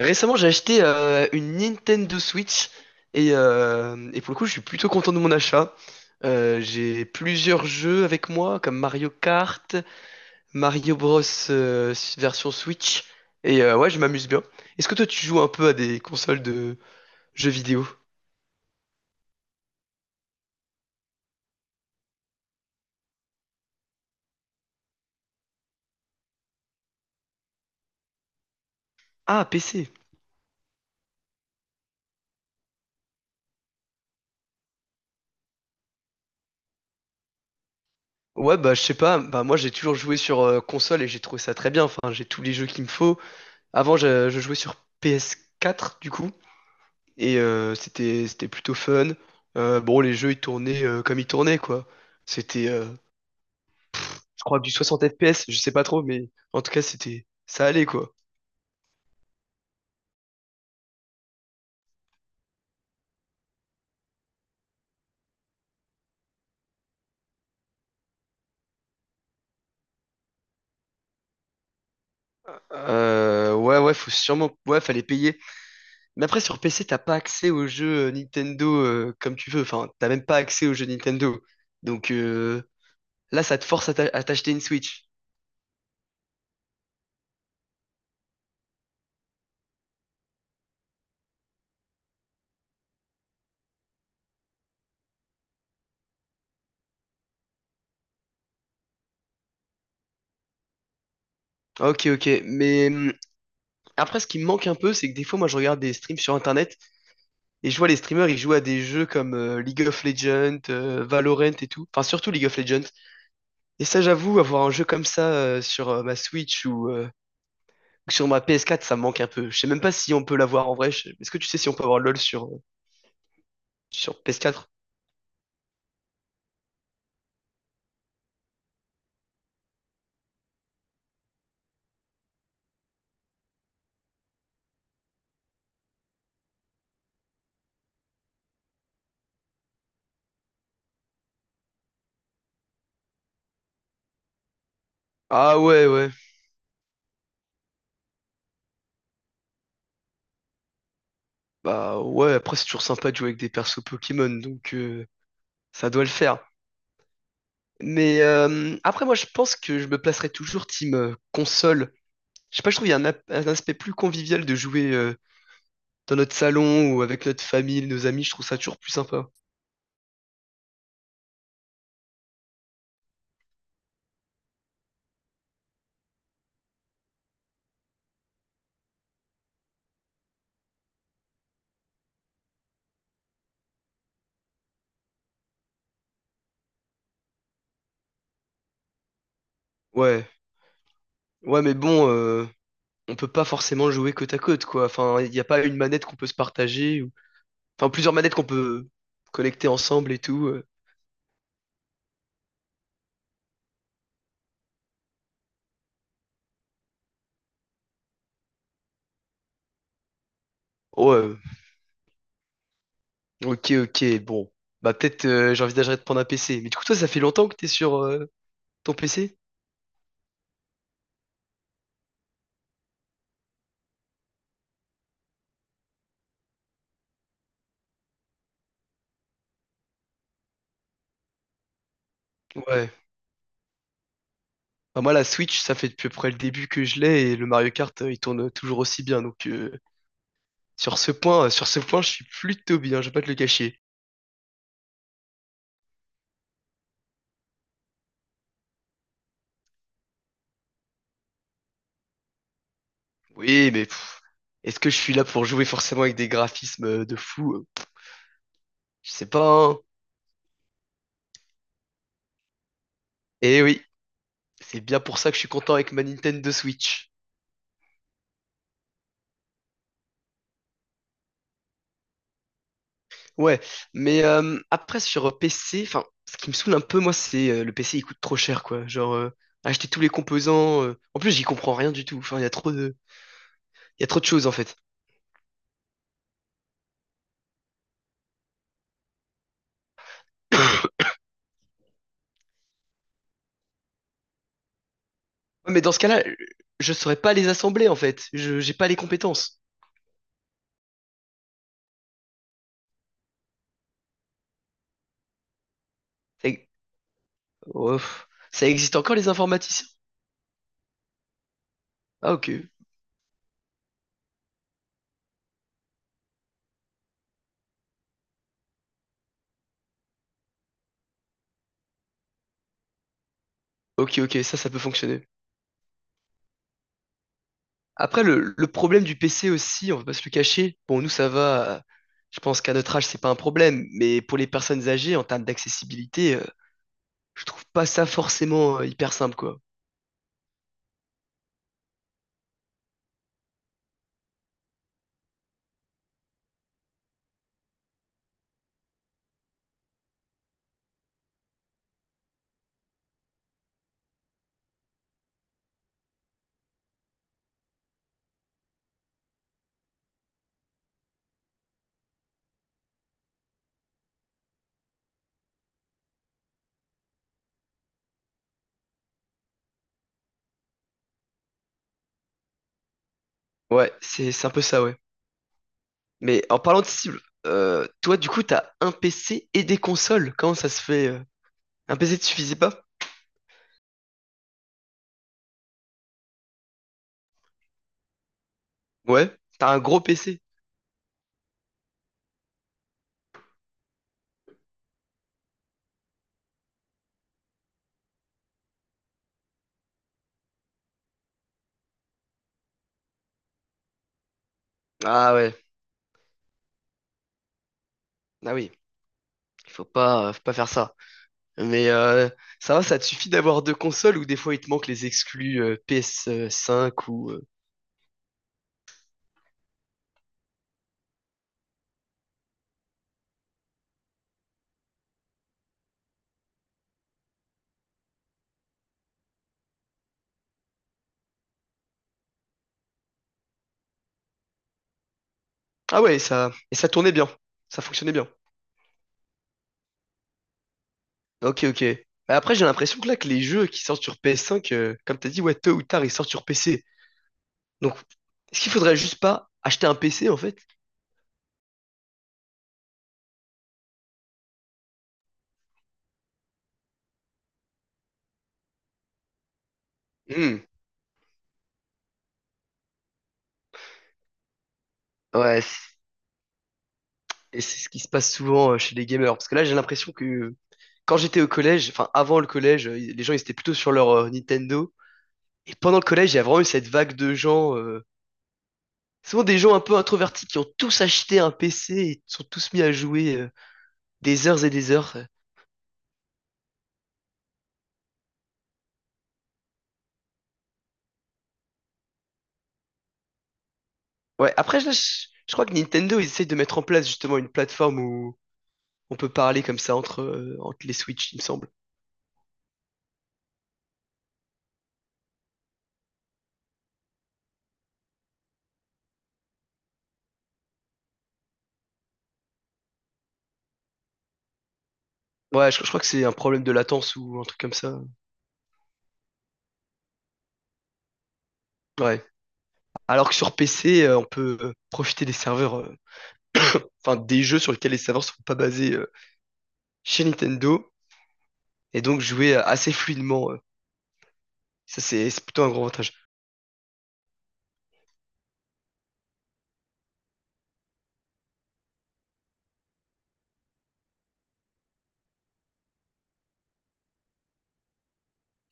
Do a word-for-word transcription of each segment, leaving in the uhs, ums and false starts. Récemment, j'ai acheté euh, une Nintendo Switch et, euh, et pour le coup, je suis plutôt content de mon achat. Euh, j'ai plusieurs jeux avec moi, comme Mario Kart, Mario Bros euh, version Switch, et euh, ouais, je m'amuse bien. Est-ce que toi, tu joues un peu à des consoles de jeux vidéo? Ah, P C. Ouais, bah je sais pas, bah moi j'ai toujours joué sur euh, console et j'ai trouvé ça très bien. Enfin, j'ai tous les jeux qu'il me faut. Avant, je, je jouais sur P S quatre du coup. Et euh, c'était c'était plutôt fun. Euh, bon, les jeux, ils tournaient euh, comme ils tournaient, quoi. C'était, euh, je crois, que du soixante F P S, je sais pas trop, mais en tout cas, c'était, ça allait, quoi. Euh, ouais, ouais, faut sûrement, ouais, fallait payer. Mais après, sur P C, t'as pas accès aux jeux euh, Nintendo euh, comme tu veux. Enfin, t'as même pas accès aux jeux Nintendo. Donc euh, Là, ça te force à t'a- à t'acheter une Switch. Ok, ok. Mais hum, après, ce qui me manque un peu, c'est que des fois, moi, je regarde des streams sur Internet et je vois les streamers, ils jouent à des jeux comme euh, League of Legends, euh, Valorant et tout. Enfin, surtout League of Legends. Et ça, j'avoue, avoir un jeu comme ça euh, sur euh, ma Switch ou euh, sur ma P S quatre, ça me manque un peu. Je sais même pas si on peut l'avoir en vrai. Je- Est-ce que tu sais si on peut avoir LoL sur, euh, sur P S quatre? Ah ouais, ouais. Bah ouais, après, c'est toujours sympa de jouer avec des persos Pokémon, donc euh, ça doit le faire. Mais euh, après, moi, je pense que je me placerai toujours team euh, console. Je sais pas, je trouve qu'il y a un, ap- un aspect plus convivial de jouer euh, dans notre salon ou avec notre famille, nos amis, je trouve ça toujours plus sympa. Ouais, ouais, mais bon, euh, on peut pas forcément jouer côte à côte, quoi. Enfin, il n'y a pas une manette qu'on peut se partager, ou... enfin plusieurs manettes qu'on peut collecter ensemble et tout. euh. Ouais, ok, ok, bon. Bah peut-être euh, j'envisagerais de prendre un P C. Mais du coup, toi, ça fait longtemps que t'es sur euh, ton P C? Ouais. Bah, moi, la Switch, ça fait depuis à peu près le début que je l'ai et le Mario Kart, euh, il tourne toujours aussi bien. Donc, euh, Sur ce point, euh, sur ce point, je suis plutôt bien, je vais pas te le cacher. Oui, mais pff, est-ce que je suis là pour jouer forcément avec des graphismes euh, de fou? Euh, pff, Je sais pas, hein. Eh oui, c'est bien pour ça que je suis content avec ma Nintendo Switch. Ouais, mais euh, après sur P C, enfin, ce qui me saoule un peu, moi, c'est euh, le P C, il coûte trop cher, quoi. Genre, euh, acheter tous les composants. euh, En plus, j'y comprends rien du tout. Enfin, il y a trop de, il y a trop de choses, en fait. Ouais, mais dans ce cas-là, je saurais pas les assembler, en fait. Je, j'ai pas les compétences. Ça- Oh, ça existe encore les informaticiens? Ah ok, ok, ok, ça, ça peut fonctionner. Après, le, le problème du P C aussi, on va pas se le cacher. Bon, nous, ça va. euh, Je pense qu'à notre âge, c'est pas un problème. Mais pour les personnes âgées, en termes d'accessibilité, euh, je trouve pas ça forcément euh, hyper simple, quoi. Ouais, c'est c'est un peu ça, ouais. Mais en parlant de cible, euh, toi, du coup, t'as un P C et des consoles. Comment ça se fait? euh Un P C te suffisait pas? Ouais, t'as un gros P C. Ah ouais, ah oui, il faut pas, faut pas faire ça. Mais euh, ça va, ça te suffit d'avoir deux consoles ou des fois il te manque les exclus euh, P S cinq ou... euh, Ah ouais, ça... Et ça tournait bien. Ça fonctionnait bien. Ok, ok. Bah après, j'ai l'impression que là, que les jeux qui sortent sur P S cinq, euh, comme t'as dit, ouais, tôt ou tard, ils sortent sur P C. Donc, est-ce qu'il faudrait juste pas acheter un P C, en fait? Hmm. Ouais, c- et c'est ce qui se passe souvent euh, chez les gamers. Parce que là, j'ai l'impression que euh, quand j'étais au collège, enfin, avant le collège, euh, les gens, ils étaient plutôt sur leur euh, Nintendo. Et pendant le collège, il y a vraiment eu cette vague de gens... euh, souvent des gens un peu introvertis qui ont tous acheté un P C et sont tous mis à jouer euh, des heures et des heures. Ouais, après, là, je, je crois que Nintendo, ils essayent de mettre en place justement une plateforme où on peut parler comme ça entre, euh, entre les Switch, il me semble. Ouais, je, je crois que c'est un problème de latence ou un truc comme ça. Ouais. Alors que sur P C, euh, on peut euh, profiter des serveurs, euh, enfin des jeux sur lesquels les serveurs ne sont pas basés euh, chez Nintendo. Et donc jouer euh, assez fluidement. euh. Ça, c'est c'est plutôt un gros avantage.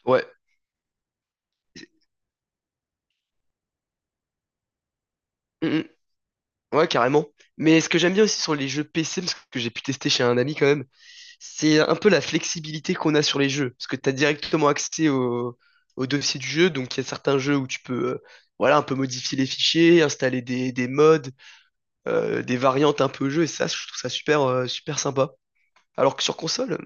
Ouais. Mm, mm, ouais, carrément. Mais ce que j'aime bien aussi sur les jeux P C, parce que j'ai pu tester chez un ami quand même, c'est un peu la flexibilité qu'on a sur les jeux. Parce que tu as directement accès au, au dossier du jeu, donc il y a certains jeux où tu peux. Euh, Voilà, un peu modifier les fichiers, installer des, des mods, euh, des variantes un peu au jeu, et ça, je trouve ça super, euh, super sympa. Alors que sur console, euh,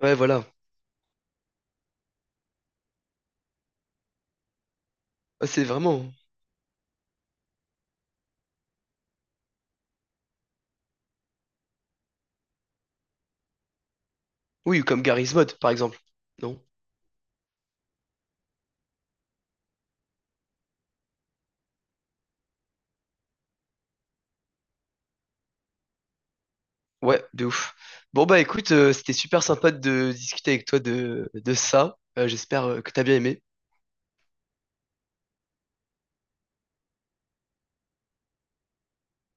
ouais, voilà, ouais, c'est vraiment. Oui, comme Garry's Mod, par exemple. Non? Ouais, de ouf. Bon bah écoute, euh, c'était super sympa de discuter avec toi de, de ça. Euh, j'espère euh, que t'as bien aimé.